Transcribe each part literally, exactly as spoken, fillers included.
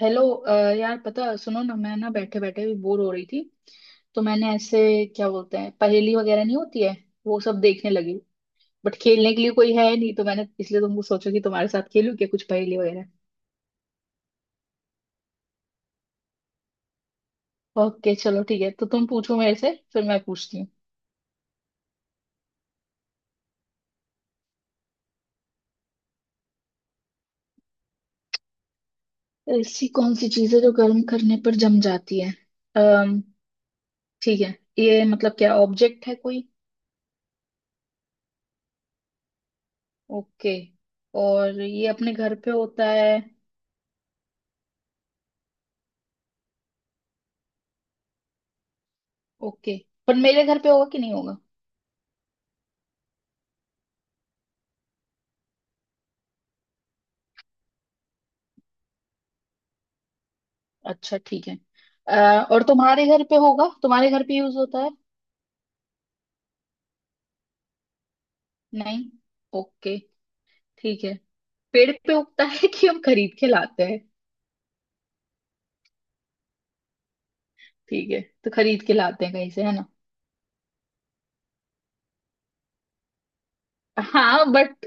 Hello अ, यार, पता, सुनो ना, मैं ना बैठे बैठे भी बोर हो रही थी। तो मैंने ऐसे, क्या बोलते हैं, पहेली वगैरह नहीं होती है, वो सब देखने लगी। बट खेलने के लिए कोई है नहीं, तो मैंने इसलिए तुमको सोचा कि तुम्हारे साथ खेलूं क्या, कुछ पहेली वगैरह। ओके, चलो ठीक है, तो तुम पूछो मेरे से, फिर मैं पूछती हूँ। ऐसी कौन सी चीज़ है जो गर्म करने पर जम जाती है? अम्म ठीक है, ये मतलब क्या ऑब्जेक्ट है कोई? ओके। और ये अपने घर पे होता है? ओके। पर मेरे घर पे होगा कि नहीं होगा? अच्छा, ठीक है। अ, और तुम्हारे घर पे होगा, तुम्हारे घर पे यूज होता है? नहीं। ओके, ठीक है। पेड़ पे उगता है कि हम खरीद के लाते हैं? ठीक है, तो खरीद के लाते हैं कहीं से, है ना? हाँ बट,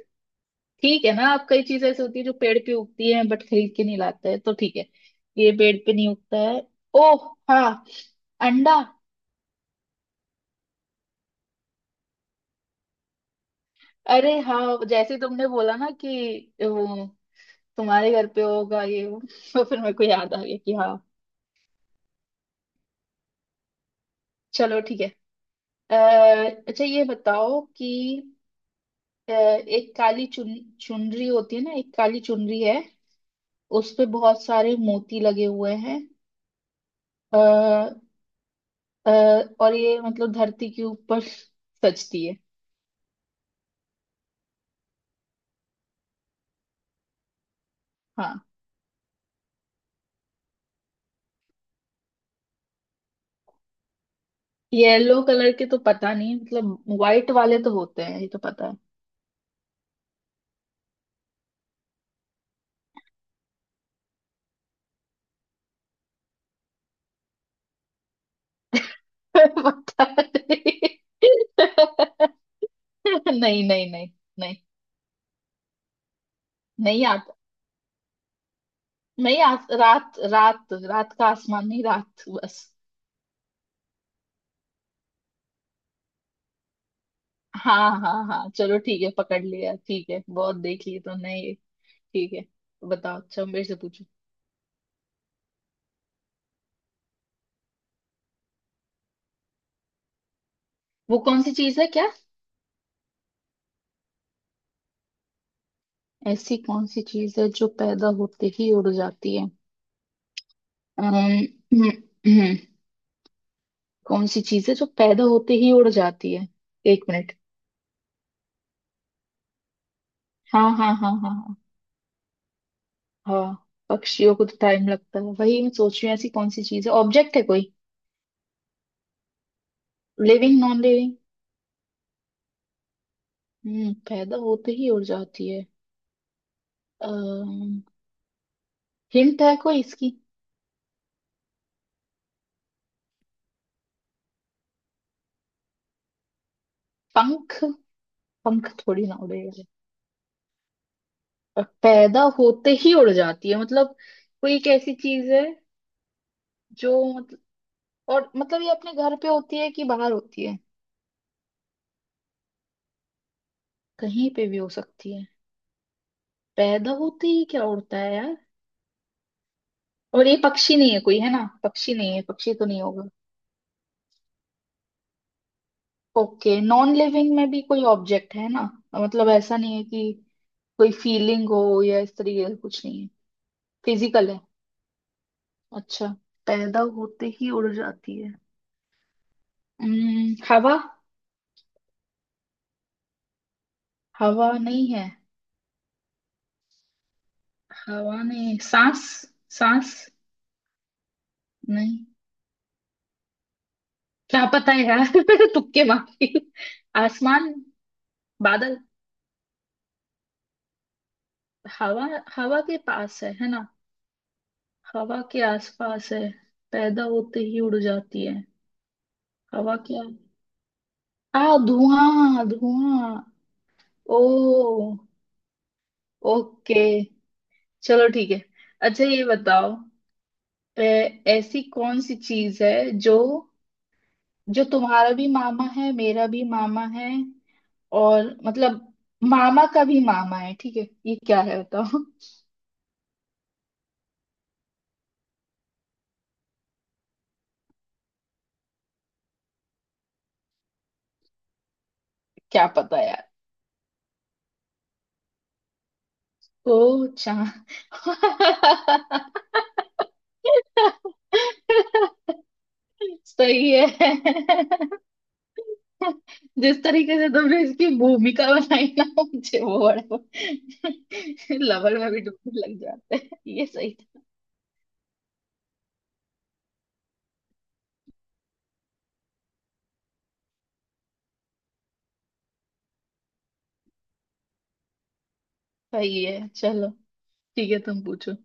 ठीक है ना, आप कई चीजें ऐसी होती है जो पेड़ पे उगती है बट खरीद के नहीं लाते हैं, तो ठीक है, ये पेड़ पे नहीं उगता है। ओह हाँ, अंडा। अरे हाँ, जैसे तुमने बोला ना कि वो तुम्हारे घर पे होगा, ये वो तो फिर मेरे को याद आ गया कि हाँ। चलो ठीक है। अ, अच्छा ये बताओ कि अ, एक काली चुन चुनरी होती है ना, एक काली चुनरी है। उस पे बहुत सारे मोती लगे हुए हैं। आ, और ये मतलब धरती के ऊपर सजती है। हाँ। येलो कलर के तो पता नहीं मतलब, व्हाइट वाले तो होते हैं, ये तो पता है। पता नहीं। नहीं, नहीं, नहीं। नहीं, नहीं आता। नहीं, आ, रात रात रात का आसमान नहीं, रात, बस। हाँ, हाँ, हाँ, चलो ठीक है, पकड़ लिया, ठीक है। बहुत देख लिए तो नहीं, ठीक है। बताओ, अच्छा मेरे से पूछो। वो कौन सी चीज है क्या? ऐसी कौन सी चीज है जो पैदा होते ही उड़ जाती है? अम्म, कौन सी चीज है जो पैदा होते ही उड़ जाती है? एक मिनट। हाँ, हाँ, हाँ, हाँ, हाँ, हाँ। पक्षियों को तो टाइम लगता है, वही मैं सोच रही हूँ, ऐसी कौन सी चीज है, ऑब्जेक्ट है कोई? Living, non living? हम्म पैदा होते ही उड़ जाती है। अम्म हिंट है कोई इसकी? पंख। पंख थोड़ी ना उड़ेगा। और पैदा होते ही उड़ जाती है मतलब, कोई एक ऐसी चीज है, जो, मतलब, और मतलब ये अपने घर पे होती है कि बाहर होती है? कहीं पे भी हो सकती है। पैदा होते ही क्या उड़ता है यार! और ये पक्षी नहीं है कोई, है ना, पक्षी नहीं है, पक्षी तो नहीं होगा? ओके, नॉन लिविंग में भी कोई ऑब्जेक्ट है ना, मतलब ऐसा नहीं है कि कोई फीलिंग हो या इस तरीके का, कुछ नहीं है? फिजिकल है? अच्छा, पैदा होते ही उड़ जाती है। हम्म, हवा। हवा नहीं है? हवा में सांस। सांस? नहीं, क्या पता है यार। तुक्के मारती हूँ। आसमान? बादल? हवा? हवा के पास है है ना, हवा के आसपास है? पैदा होते ही उड़ जाती है। हवा क्या? आ धुआं, धुआं! ओ, ओके, चलो ठीक है। अच्छा ये बताओ, ए, ऐसी कौन सी चीज है, जो जो तुम्हारा भी मामा है, मेरा भी मामा है, और मतलब मामा का भी मामा है, ठीक है ये क्या है बताओ क्या पता यार। ओ, चांद! सही है। जिस तरीके से तुमने इसकी भूमिका बनाई ना, मुझे वो बड़ा लवल में भी डूबने लग जाते हैं ये सही था, सही है। चलो ठीक है, तुम पूछो।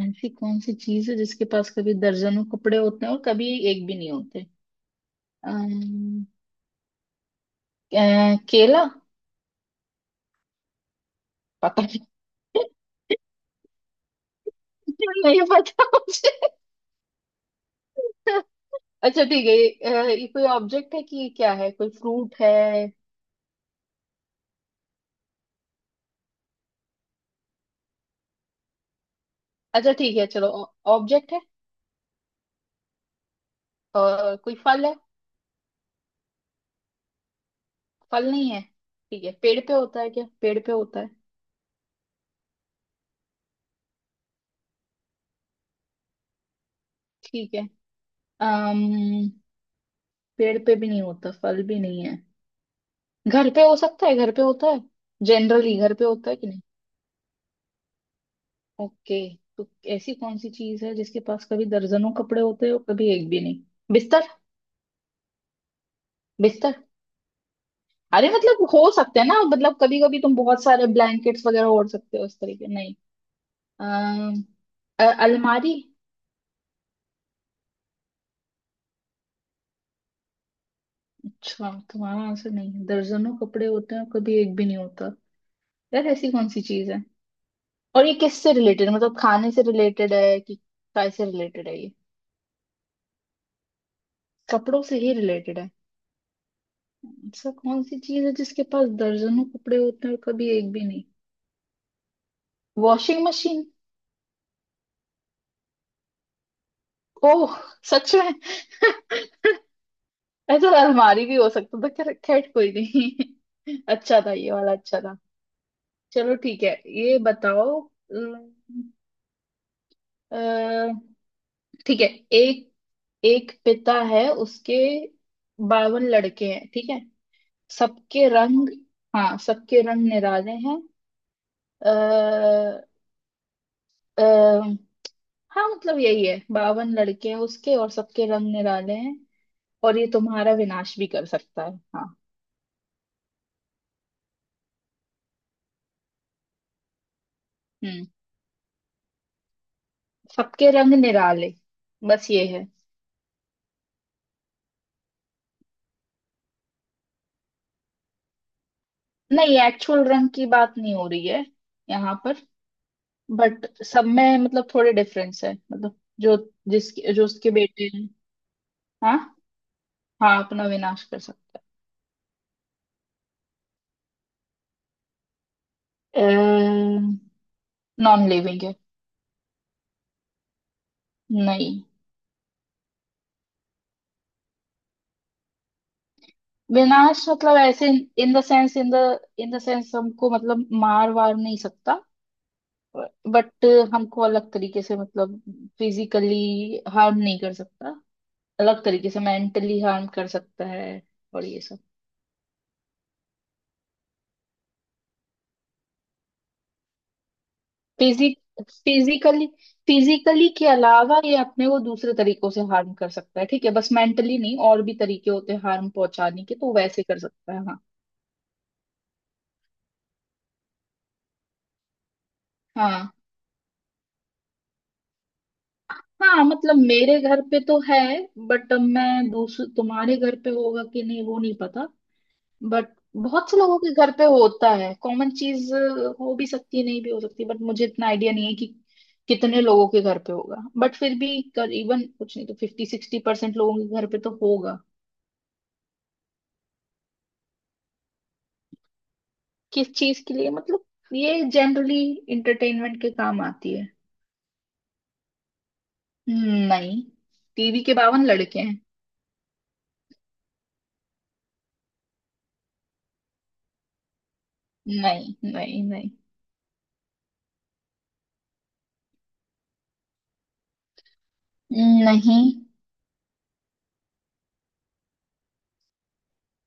ऐसी कौन सी चीज है जिसके पास कभी दर्जनों कपड़े होते हैं और कभी एक भी नहीं होते? अम्म, अ, केला? पता नहीं पता मुझे। अच्छा ठीक है, ये, अ, ये कोई ऑब्जेक्ट है कि ये क्या है, कोई फ्रूट है? अच्छा ठीक है चलो। ऑब्जेक्ट है और कोई फल है? फल नहीं है ठीक है, पेड़ पे होता है क्या, पेड़ पे होता है? ठीक है। अम्म पेड़ पे भी नहीं होता, फल भी नहीं है। घर पे हो सकता है, घर पे होता है, जनरली घर पे होता है कि नहीं? ओके। तो ऐसी कौन सी चीज है जिसके पास कभी दर्जनों कपड़े होते हैं और कभी एक भी नहीं? बिस्तर। बिस्तर। अरे मतलब हो सकते हैं ना, मतलब कभी कभी तुम बहुत सारे ब्लैंकेट्स वगैरह ओढ़ सकते हो, उस तरीके, नहीं? अम, अ, अलमारी? अच्छा, तुम्हारा आंसर नहीं है? दर्जनों कपड़े होते हैं, कभी एक भी नहीं होता, यार ऐसी कौन सी चीज है? और ये किससे रिलेटेड, मतलब खाने से रिलेटेड है कि काय से रिलेटेड है ये? कपड़ों से ही रिलेटेड है? ऐसा कौन सी चीज है जिसके पास दर्जनों कपड़े होते हैं और कभी एक भी नहीं? Washing machine? ओह, सच में! ऐसा अलमारी भी हो सकता था, खैर खैर, कोई नहीं। अच्छा था ये वाला, अच्छा था। चलो ठीक है। ये बताओ, अम, अ, ठीक है। एक एक पिता है, उसके बावन लड़के हैं, ठीक है। सबके रंग, हाँ सबके रंग निराले हैं। अः हाँ मतलब यही है, बावन लड़के हैं उसके और सबके रंग निराले हैं, और ये तुम्हारा विनाश भी कर सकता है। हाँ। हम्म सबके रंग निराले, बस ये है। नहीं, एक्चुअल रंग की बात नहीं हो रही है यहाँ पर, बट सब में मतलब थोड़े डिफरेंस है, मतलब जो जिसके जो उसके बेटे हैं। हाँ। हाँ अपना विनाश कर सकता है। नॉन लिविंग है। नहीं, विनाश मतलब ऐसे, in the sense in the in the sense हमको मतलब मार वार नहीं सकता, बट हमको अलग तरीके से मतलब, फिजिकली हार्म नहीं कर सकता, अलग तरीके से मेंटली हार्म कर सकता है, और ये सब। फिजिक फिजिकली फिजिकली के अलावा ये अपने को दूसरे तरीकों से हार्म कर सकता है, ठीक है, बस मेंटली नहीं, और भी तरीके होते हैं हार्म पहुंचाने के तो वैसे कर सकता है। हाँ, हाँ। हाँ मतलब मेरे घर पे तो है, बट मैं दूसरे, तुम्हारे घर पे होगा कि नहीं वो नहीं पता, बट बहुत से लोगों के घर पे होता है, कॉमन चीज हो भी सकती है नहीं भी हो सकती, बट मुझे इतना आइडिया नहीं है कि कितने लोगों के घर पे होगा, बट फिर भी करीबन, कुछ नहीं तो फिफ्टी सिक्सटी परसेंट लोगों के घर पे तो होगा। किस चीज के लिए मतलब, ये जनरली इंटरटेनमेंट के काम आती है। नहीं, टीवी के बावन लड़के हैं? नहीं, नहीं, नहीं। नहीं,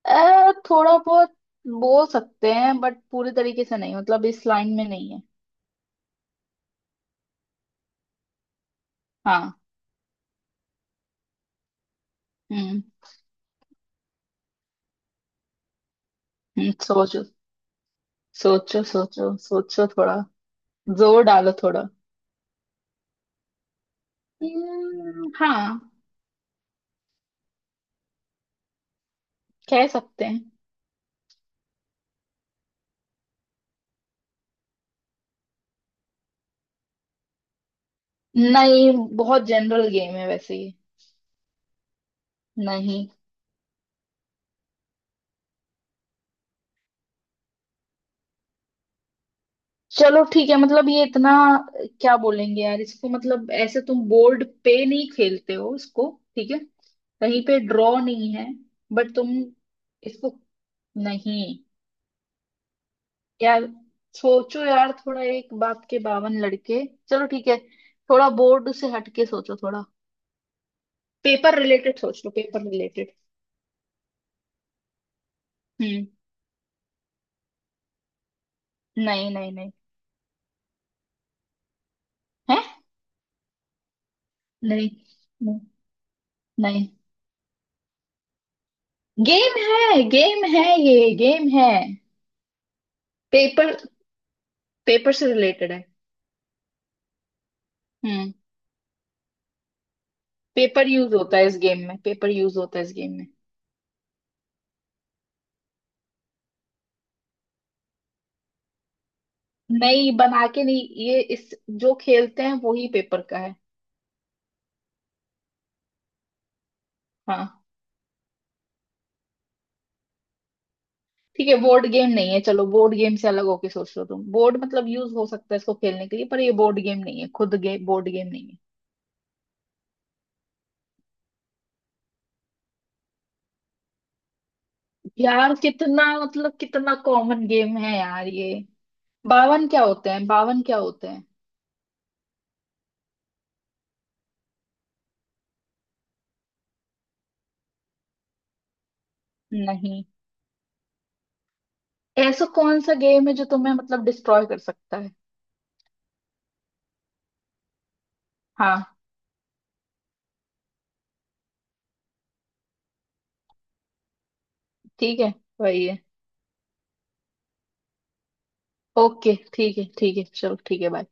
अ, थोड़ा बहुत बोल सकते हैं बट पूरी तरीके से नहीं, मतलब इस लाइन में नहीं है। हाँ। हम्म, हम्म, सोचो, सोचो, सोचो, सोचो थोड़ा, जोर डालो थोड़ा। हम्म, हाँ, कह सकते हैं। नहीं बहुत जनरल गेम है वैसे ये। नहीं। चलो ठीक है, मतलब ये इतना, क्या बोलेंगे यार इसको, मतलब ऐसे तुम बोर्ड पे नहीं खेलते हो इसको, ठीक है, कहीं पे ड्रॉ नहीं है, बट तुम इसको, नहीं, यार सोचो यार थोड़ा, एक बाप के बावन लड़के। चलो ठीक है, थोड़ा बोर्ड से हटके सोचो थोड़ा, पेपर रिलेटेड सोच लो, पेपर रिलेटेड। हम्म। नहीं, नहीं, नहीं। है। नहीं, नहीं, नहीं। गेम है, गेम है, ये गेम है। पेपर पेपर से रिलेटेड है। हम्म। पेपर यूज होता है इस गेम में, पेपर यूज होता है इस गेम में। नहीं, बना के नहीं ये, इस, जो खेलते हैं वो ही पेपर का है। हाँ। ठीक है, बोर्ड गेम नहीं है, चलो बोर्ड गेम से अलग होके सोच लो, तुम बोर्ड मतलब यूज हो सकता है इसको खेलने के लिए पर ये बोर्ड गेम नहीं है। खुद गे, बोर्ड गेम नहीं है। यार कितना, मतलब कितना कॉमन गेम है यार ये। बावन क्या होते हैं, बावन क्या होते हैं? नहीं। ऐसा कौन सा गेम है जो तुम्हें मतलब डिस्ट्रॉय कर सकता है? हाँ, ठीक है, वही है। ओके, ठीक है, ठीक है, चलो ठीक है, बाय।